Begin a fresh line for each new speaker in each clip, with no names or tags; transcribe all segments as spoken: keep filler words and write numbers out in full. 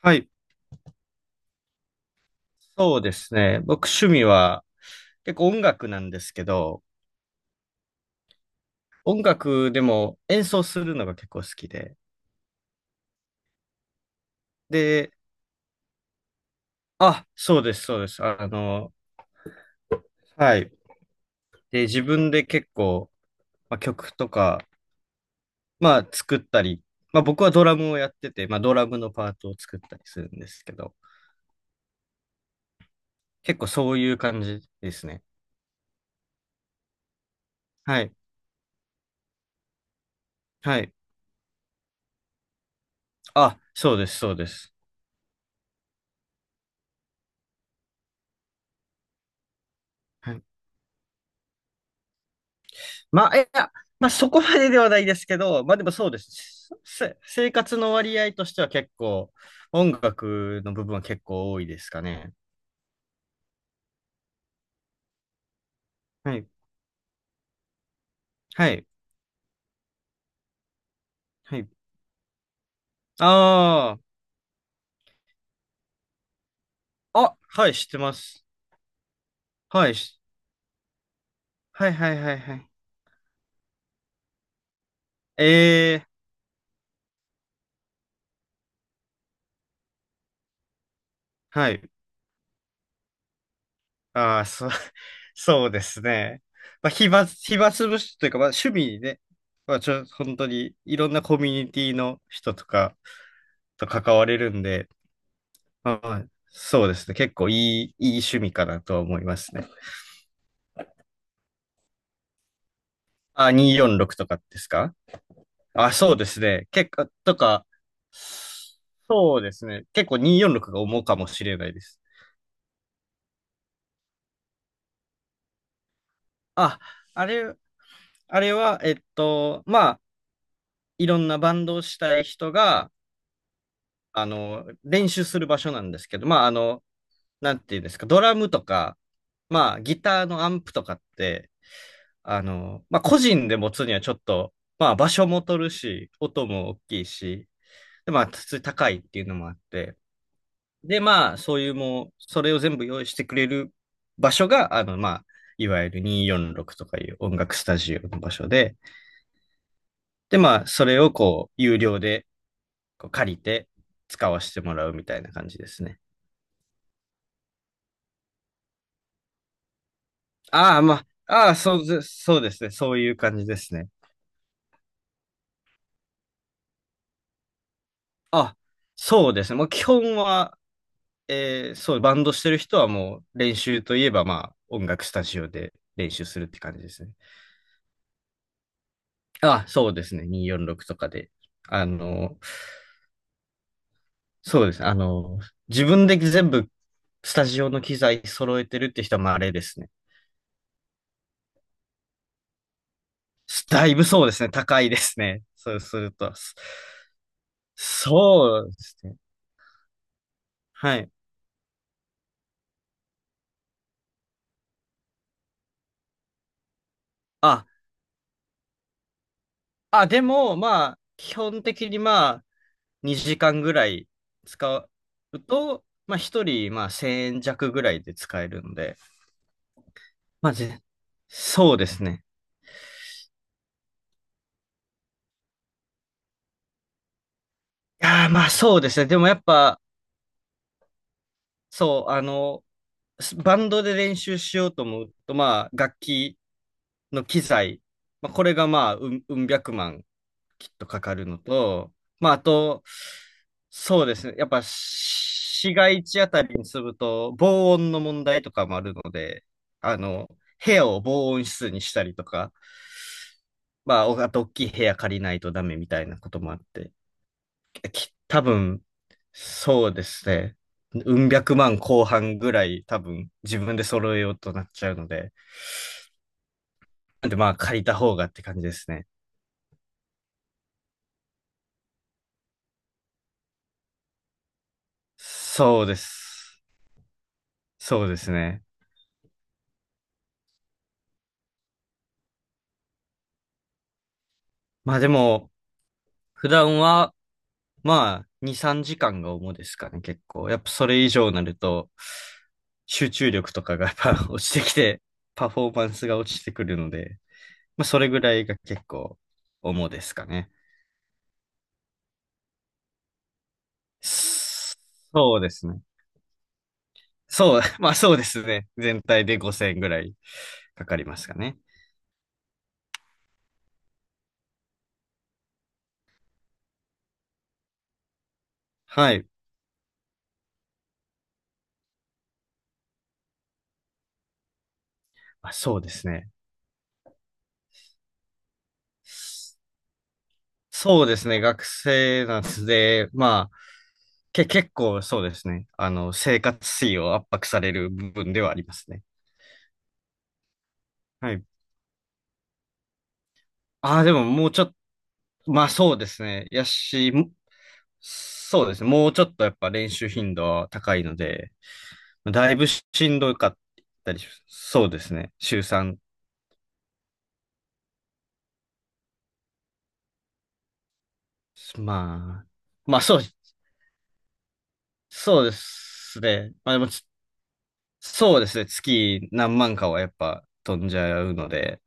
はい。そうですね。僕趣味は結構音楽なんですけど、音楽でも演奏するのが結構好きで。で、あ、そうです、そうです。あの、はい。で、自分で結構、まあ、曲とか、まあ作ったり、まあ僕はドラムをやってて、まあドラムのパートを作ったりするんですけど、結構そういう感じですね。はい。はい。あ、そうです、そうです。はい、まあ、いや、まあそこまでではないですけど、まあでもそうです。せ生活の割合としては結構、音楽の部分は結構多いですかね。はい。はい。はい。ああ。あ、はい、知ってます。はい。しはいはいはいはい。ええー、はい。ああ、そう、そうですね。まあ、暇、暇つぶしというか、まあ趣味にね、まあちょ、本当にいろんなコミュニティの人とかと関われるんで、はい。そうですね。結構いい、いい趣味かなと思いますね。あ、にーよんろくとかですか？あ、そうですね。結構、とか、そうですね。結構にーよんろくが重かもしれないです。あ、あれ、あれは、えっと、まあ、いろんなバンドをしたい人が、あの、練習する場所なんですけど、まあ、あの、なんていうんですか、ドラムとか、まあ、ギターのアンプとかって、あの、まあ、個人で持つにはちょっと、まあ、場所も取るし、音も大きいし、で、まあ、普通に高いっていうのもあって、で、まあ、そういうもう、それを全部用意してくれる場所が、あの、まあ、いわゆるにーよんろくとかいう音楽スタジオの場所で、で、まあ、それをこう、有料でこう借りて使わせてもらうみたいな感じですね。ああ、まあ、ああ、そうです、そうですね。そういう感じですね。あ、そうですね。もう基本は、えーそう、バンドしてる人はもう練習といえばまあ音楽スタジオで練習するって感じですね。あ、そうですね。にーよんろくとかで。あの、そうです。あの、自分で全部スタジオの機材揃えてるって人はまああれですね。だいぶそうですね。高いですね。そう すると。そそうですね。はい。あ、あ、でもまあ、基本的にまあ、にじかんぐらい使うと、まあひとり、まあせんえん弱ぐらいで使えるので、まあぜ、そうですね。いやー、まあそうですね。でもやっぱ、そう、あの、スバンドで練習しようと思うと、まあ楽器の機材、まあこれがまあうん、うん百万きっとかかるのと、まあ、あと、そうですね。やっぱ、市街地あたりに住むと、防音の問題とかもあるので、あの、部屋を防音室にしたりとか、まあ、おあと、大きい部屋借りないとダメみたいなこともあって、き多分、そうですね。うん百万後半ぐらい、多分、自分で揃えようとなっちゃうので、なんで、まあ、借りた方がって感じですね。そうです。そうですね。まあ、でも、普段は、まあ、に、さんじかんが主ですかね、結構。やっぱそれ以上になると、集中力とかがやっぱ 落ちてきて、パフォーマンスが落ちてくるので、まあ、それぐらいが結構主ですかね。そそうですね。そう、まあそうですね。全体でごせんぐらいかかりますかね。はい。あ、そうですね。そうですね。学生なんで、まあ、け、結構そうですね。あの、生活費を圧迫される部分ではありますね。はい。ああ、でももうちょっと、まあそうですね。やし、もそうですね。もうちょっとやっぱ練習頻度は高いので、だいぶしんどかったりし、そうですね。週さん。まあ、まあそう、そうですね。まあでもつ、そうですね。月何万かはやっぱ飛んじゃうので、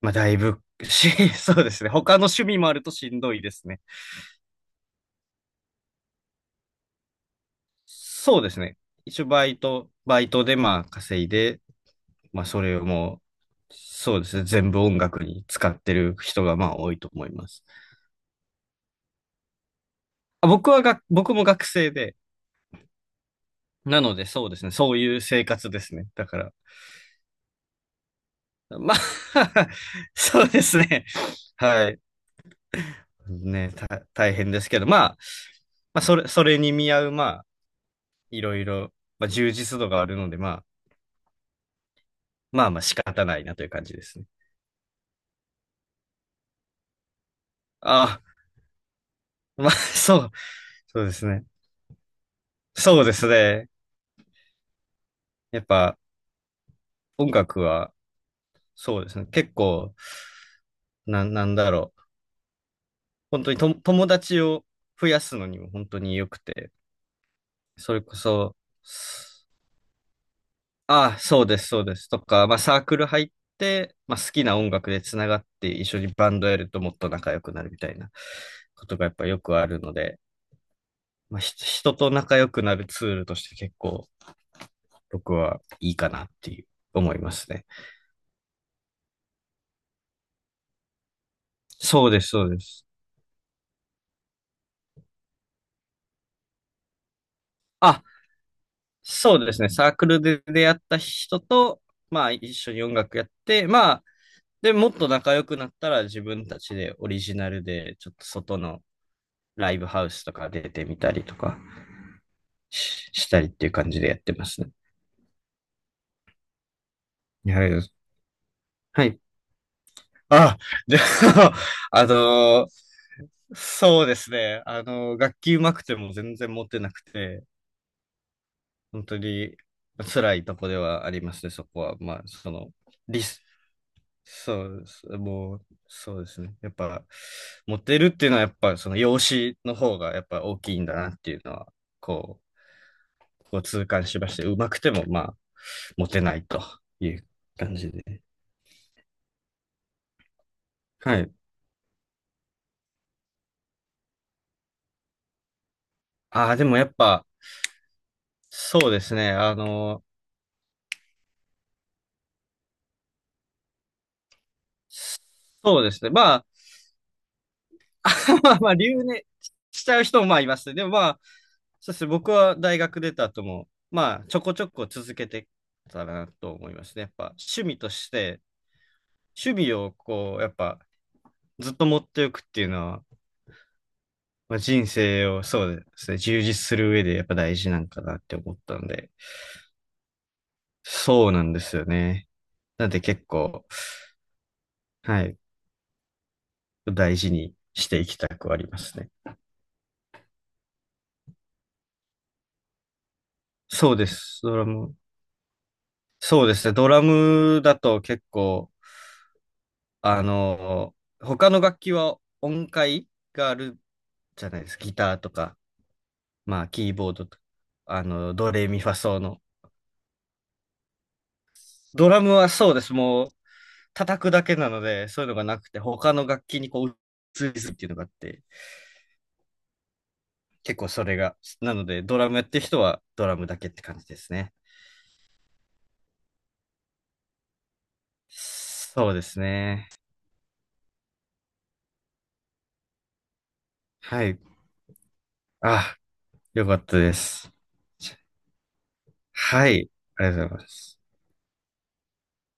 まあだいぶし、そうですね。他の趣味もあるとしんどいですね。そうですね。一応バイト、バイトでまあ稼いで、まあ、それをもう、そうですね、全部音楽に使ってる人がまあ多いと思います。あ、僕はが、僕も学生で、なのでそうですね、そういう生活ですね。だから、まあ そうですね。はい。ね、た、大変ですけど、まあ、まあ、それ、それに見合う、まあ、いろいろ、まあ、充実度があるので、まあ、まあまあ仕方ないなという感じですね。あ、まあ、そう、そうですね。そうですね。やっぱ、音楽は、そうですね。結構、な、なんだろう。本当にと友達を増やすのにも本当に良くて、それこそ、ああ、そうです、そうですとか、まあサークル入って、まあ好きな音楽でつながって一緒にバンドやるともっと仲良くなるみたいなことがやっぱよくあるので、まあひ人と仲良くなるツールとして結構僕はいいかなっていう思いますね。そうです、そうです。あ、そうですね。サークルで出会った人と、まあ一緒に音楽やって、まあで、もっと仲良くなったら自分たちでオリジナルでちょっと外のライブハウスとか出てみたりとかし、したりっていう感じでやってますね。はい。はい。あ、じゃあ、あのーそうですね。あのー楽器上手くても全然持ってなくて、本当に辛いとこではありますね、そこは。まあ、その、リス、そうですね。もう、そうですね。やっぱ、モテるっていうのは、やっぱ、その容姿の方が、やっぱ大きいんだなっていうのは、こう、こう痛感しまして、うまくても、まあ、モテないという感じで。はい。ああ、でもやっぱ、そうですね。あの、そうですね。まあ、まあ、まあ、留年しちゃう人もまあいますね。でもまあ、そうですね。僕は大学出た後も、まあ、ちょこちょこ続けてたらなと思いますね。やっぱ、趣味として、守備をこう、やっぱずっと持っておくっていうのは、まあ、人生をそうですね、充実する上でやっぱ大事なんかなって思ったんで、そうなんですよね。なんで結構、はい、大事にしていきたくはありますね。そうです、ドラム。そうですね、ドラムだと結構、あの、他の楽器は音階があるじゃないですか。ギターとか、まあ、キーボードとか、あの、ドレミファソの。ドラムはそうです。もう、叩くだけなので、そういうのがなくて、他の楽器にこう、移りすっていうのがあって、結構それが、なので、ドラムやってる人はドラムだけって感じですね。そうですね。はい。あ、よかったです。はい。ありがとうございます。